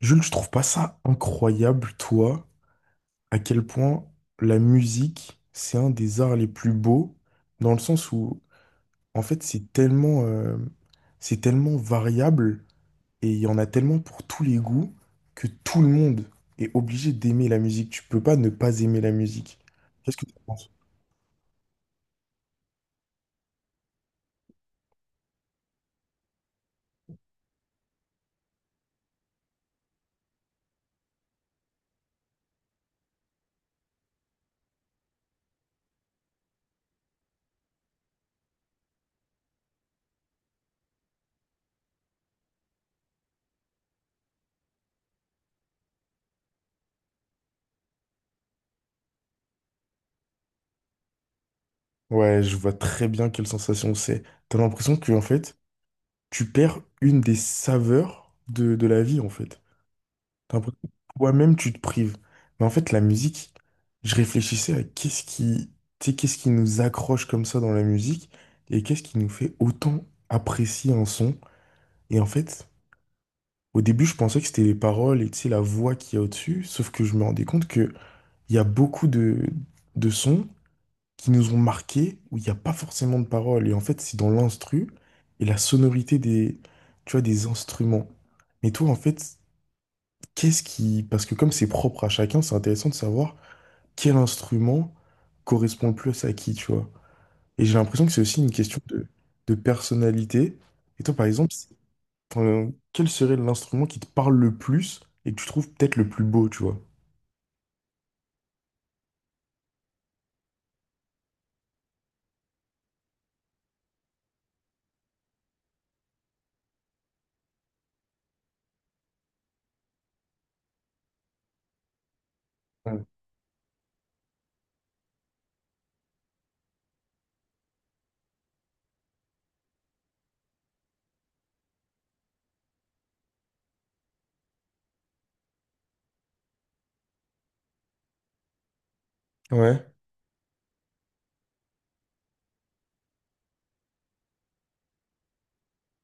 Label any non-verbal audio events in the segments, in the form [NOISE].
Jules, je trouve pas ça incroyable, toi, à quel point la musique, c'est un des arts les plus beaux, dans le sens où, en fait, c'est tellement variable et il y en a tellement pour tous les goûts que tout le monde est obligé d'aimer la musique. Tu peux pas ne pas aimer la musique. Qu'est-ce que tu en penses? Ouais, je vois très bien quelle sensation c'est. T'as l'impression que, en fait, tu perds une des saveurs de la vie, en fait. T'as l'impression que toi-même, tu te prives. Mais en fait, la musique, je réfléchissais à qu'est-ce qui, tu sais, qu'est-ce qui nous accroche comme ça dans la musique et qu'est-ce qui nous fait autant apprécier un son. Et en fait, au début, je pensais que c'était les paroles et tu sais, la voix qu'il y a au-dessus, sauf que je me rendais compte qu'il y a beaucoup de sons qui nous ont marqués où il n'y a pas forcément de paroles. Et en fait, c'est dans l'instru et la sonorité des, tu vois, des instruments. Mais toi, en fait, qu'est-ce qui… Parce que comme c'est propre à chacun, c'est intéressant de savoir quel instrument correspond le plus à qui, tu vois. Et j'ai l'impression que c'est aussi une question de personnalité. Et toi, par exemple, enfin, quel serait l'instrument qui te parle le plus et que tu trouves peut-être le plus beau, tu vois? Ouais, ouais,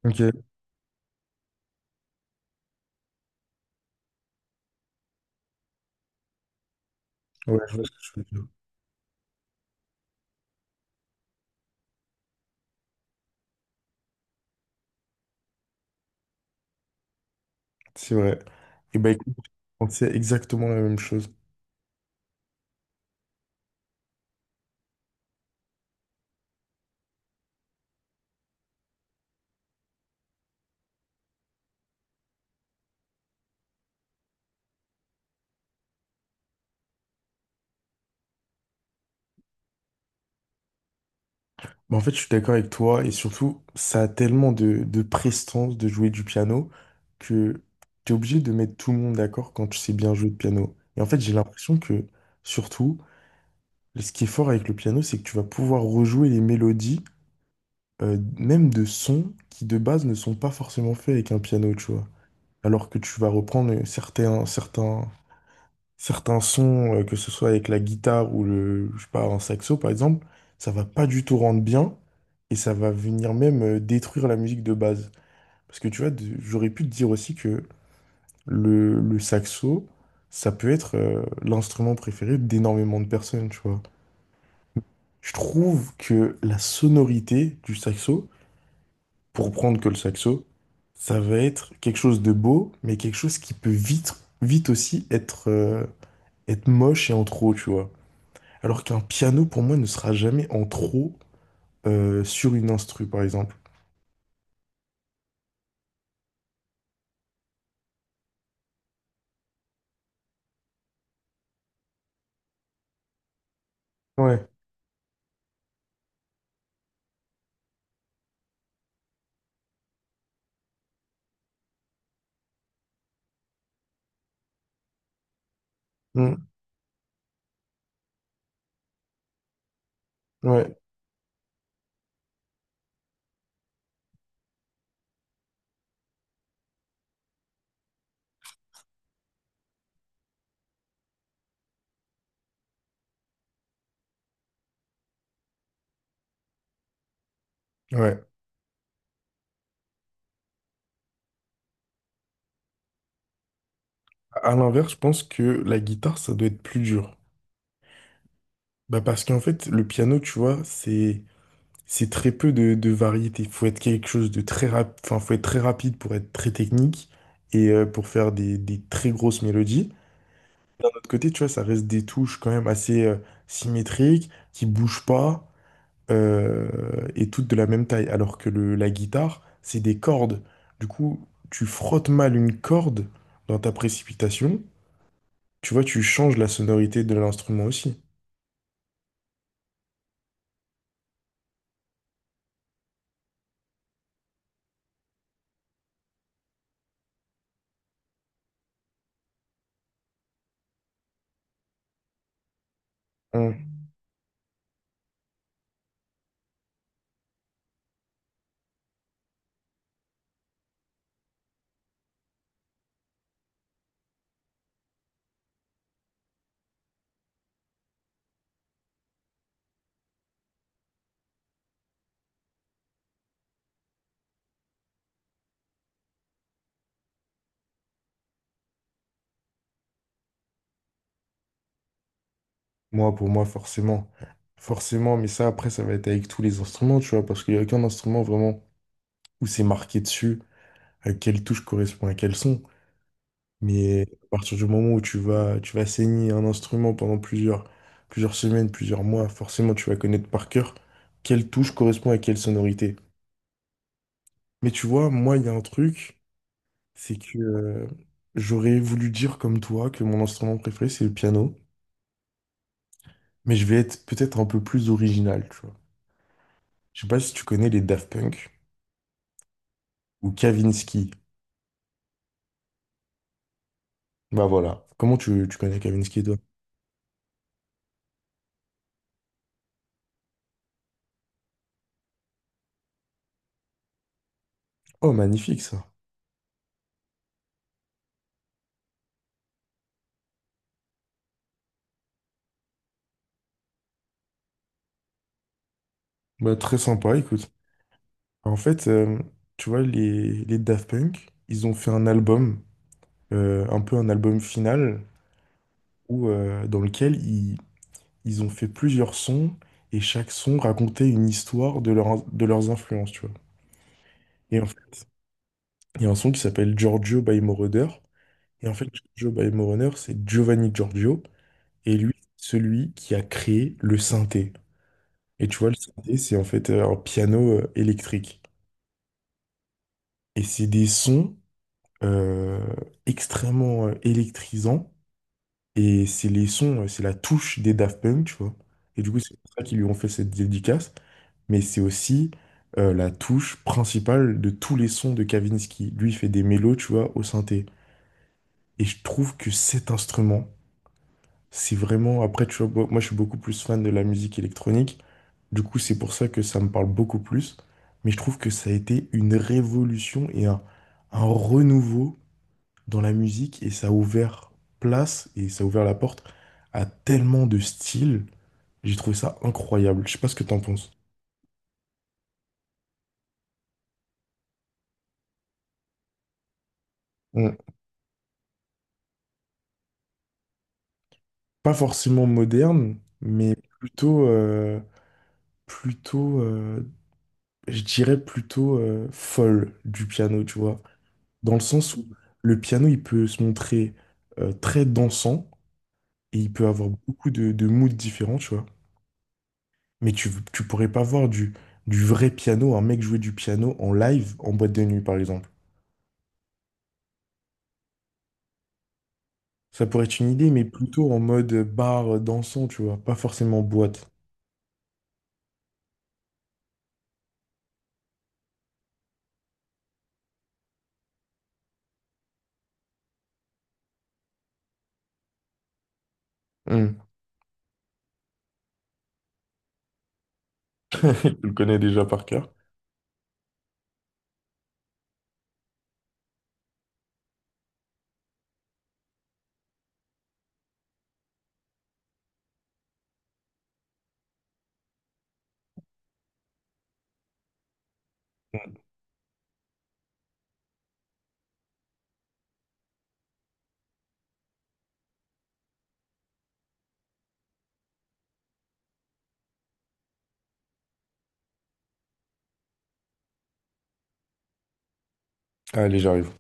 ok. Ouais, je vois ce que tu veux dire. C'est vrai. Et bah écoute, on sait exactement la même chose. Bah, en fait, je suis d'accord avec toi et surtout, ça a tellement de prestance de jouer du piano que tu es obligé de mettre tout le monde d'accord quand tu sais bien jouer de piano. Et en fait, j'ai l'impression que surtout, ce qui est fort avec le piano, c'est que tu vas pouvoir rejouer les mélodies, même de sons qui de base ne sont pas forcément faits avec un piano, tu vois. Alors que tu vas reprendre certains sons, que ce soit avec la guitare ou le, je sais pas, un saxo par exemple, ça va pas du tout rendre bien et ça va venir même détruire la musique de base. Parce que tu vois, j'aurais pu te dire aussi que le saxo, ça peut être l'instrument préféré d'énormément de personnes, tu vois. Je trouve que la sonorité du saxo, pour prendre que le saxo, ça va être quelque chose de beau, mais quelque chose qui peut vite, vite aussi être moche et en trop, tu vois. Alors qu'un piano, pour moi, ne sera jamais en trop sur une instru, par exemple. Ouais. Mm. Ouais. Ouais. À l'inverse, je pense que la guitare, ça doit être plus dur. Bah parce qu'en fait, le piano, tu vois, c'est très peu de variété. Il faut être quelque chose de très rapide, enfin, faut être très rapide pour être très technique et pour faire des très grosses mélodies. De l'autre côté, tu vois, ça reste des touches quand même assez symétriques, qui bougent pas, et toutes de la même taille, alors que la guitare, c'est des cordes. Du coup, tu frottes mal une corde dans ta précipitation, tu vois, tu changes la sonorité de l'instrument aussi. Hmm. Moi, pour moi, forcément. Forcément, mais ça, après, ça va être avec tous les instruments, tu vois, parce qu'il n'y a aucun instrument vraiment où c'est marqué dessus, à quelle touche correspond à quel son. Mais à partir du moment où tu vas saigner un instrument pendant plusieurs, plusieurs semaines, plusieurs mois, forcément, tu vas connaître par cœur quelle touche correspond à quelle sonorité. Mais tu vois, moi, il y a un truc, c'est que j'aurais voulu dire comme toi que mon instrument préféré, c'est le piano, mais je vais être peut-être un peu plus original, tu vois. Je sais pas si tu connais les Daft Punk. Ou Kavinsky. Bah voilà. Comment tu connais Kavinsky, toi? Oh, magnifique ça. Bah, très sympa, écoute. En fait, tu vois, les Daft Punk, ils ont fait un album, un peu un album final, où, dans lequel ils ont fait plusieurs sons, et chaque son racontait une histoire de leurs influences, tu vois. Et en fait, il y a un son qui s'appelle Giorgio by Moroder. Et en fait, Giorgio by Moroder, c'est Giovanni Giorgio, et lui, celui qui a créé le synthé. Et tu vois, le synthé, c'est en fait un piano électrique. Et c'est des sons euh, extrêmement électrisants. Et c'est la touche des Daft Punk, tu vois. Et du coup, c'est pour ça qu'ils lui ont fait cette dédicace. Mais c'est aussi la touche principale de tous les sons de Kavinsky. Lui, il fait des mélos, tu vois, au synthé. Et je trouve que cet instrument, c'est vraiment… Après, tu vois, moi, je suis beaucoup plus fan de la musique électronique. Du coup, c'est pour ça que ça me parle beaucoup plus. Mais je trouve que ça a été une révolution et un renouveau dans la musique. Et ça a ouvert place et ça a ouvert la porte à tellement de styles. J'ai trouvé ça incroyable. Je sais pas ce que t'en penses. Mm. Pas forcément moderne, mais plutôt, euh, je dirais plutôt folle du piano, tu vois. Dans le sens où le piano, il peut se montrer très dansant et il peut avoir beaucoup de moods différents, tu vois. Mais tu pourrais pas voir du vrai piano, un mec jouer du piano en live en boîte de nuit, par exemple. Ça pourrait être une idée, mais plutôt en mode bar dansant, tu vois, pas forcément boîte. Hmm. [LAUGHS] Tu le connais déjà par cœur. Allez, j'arrive.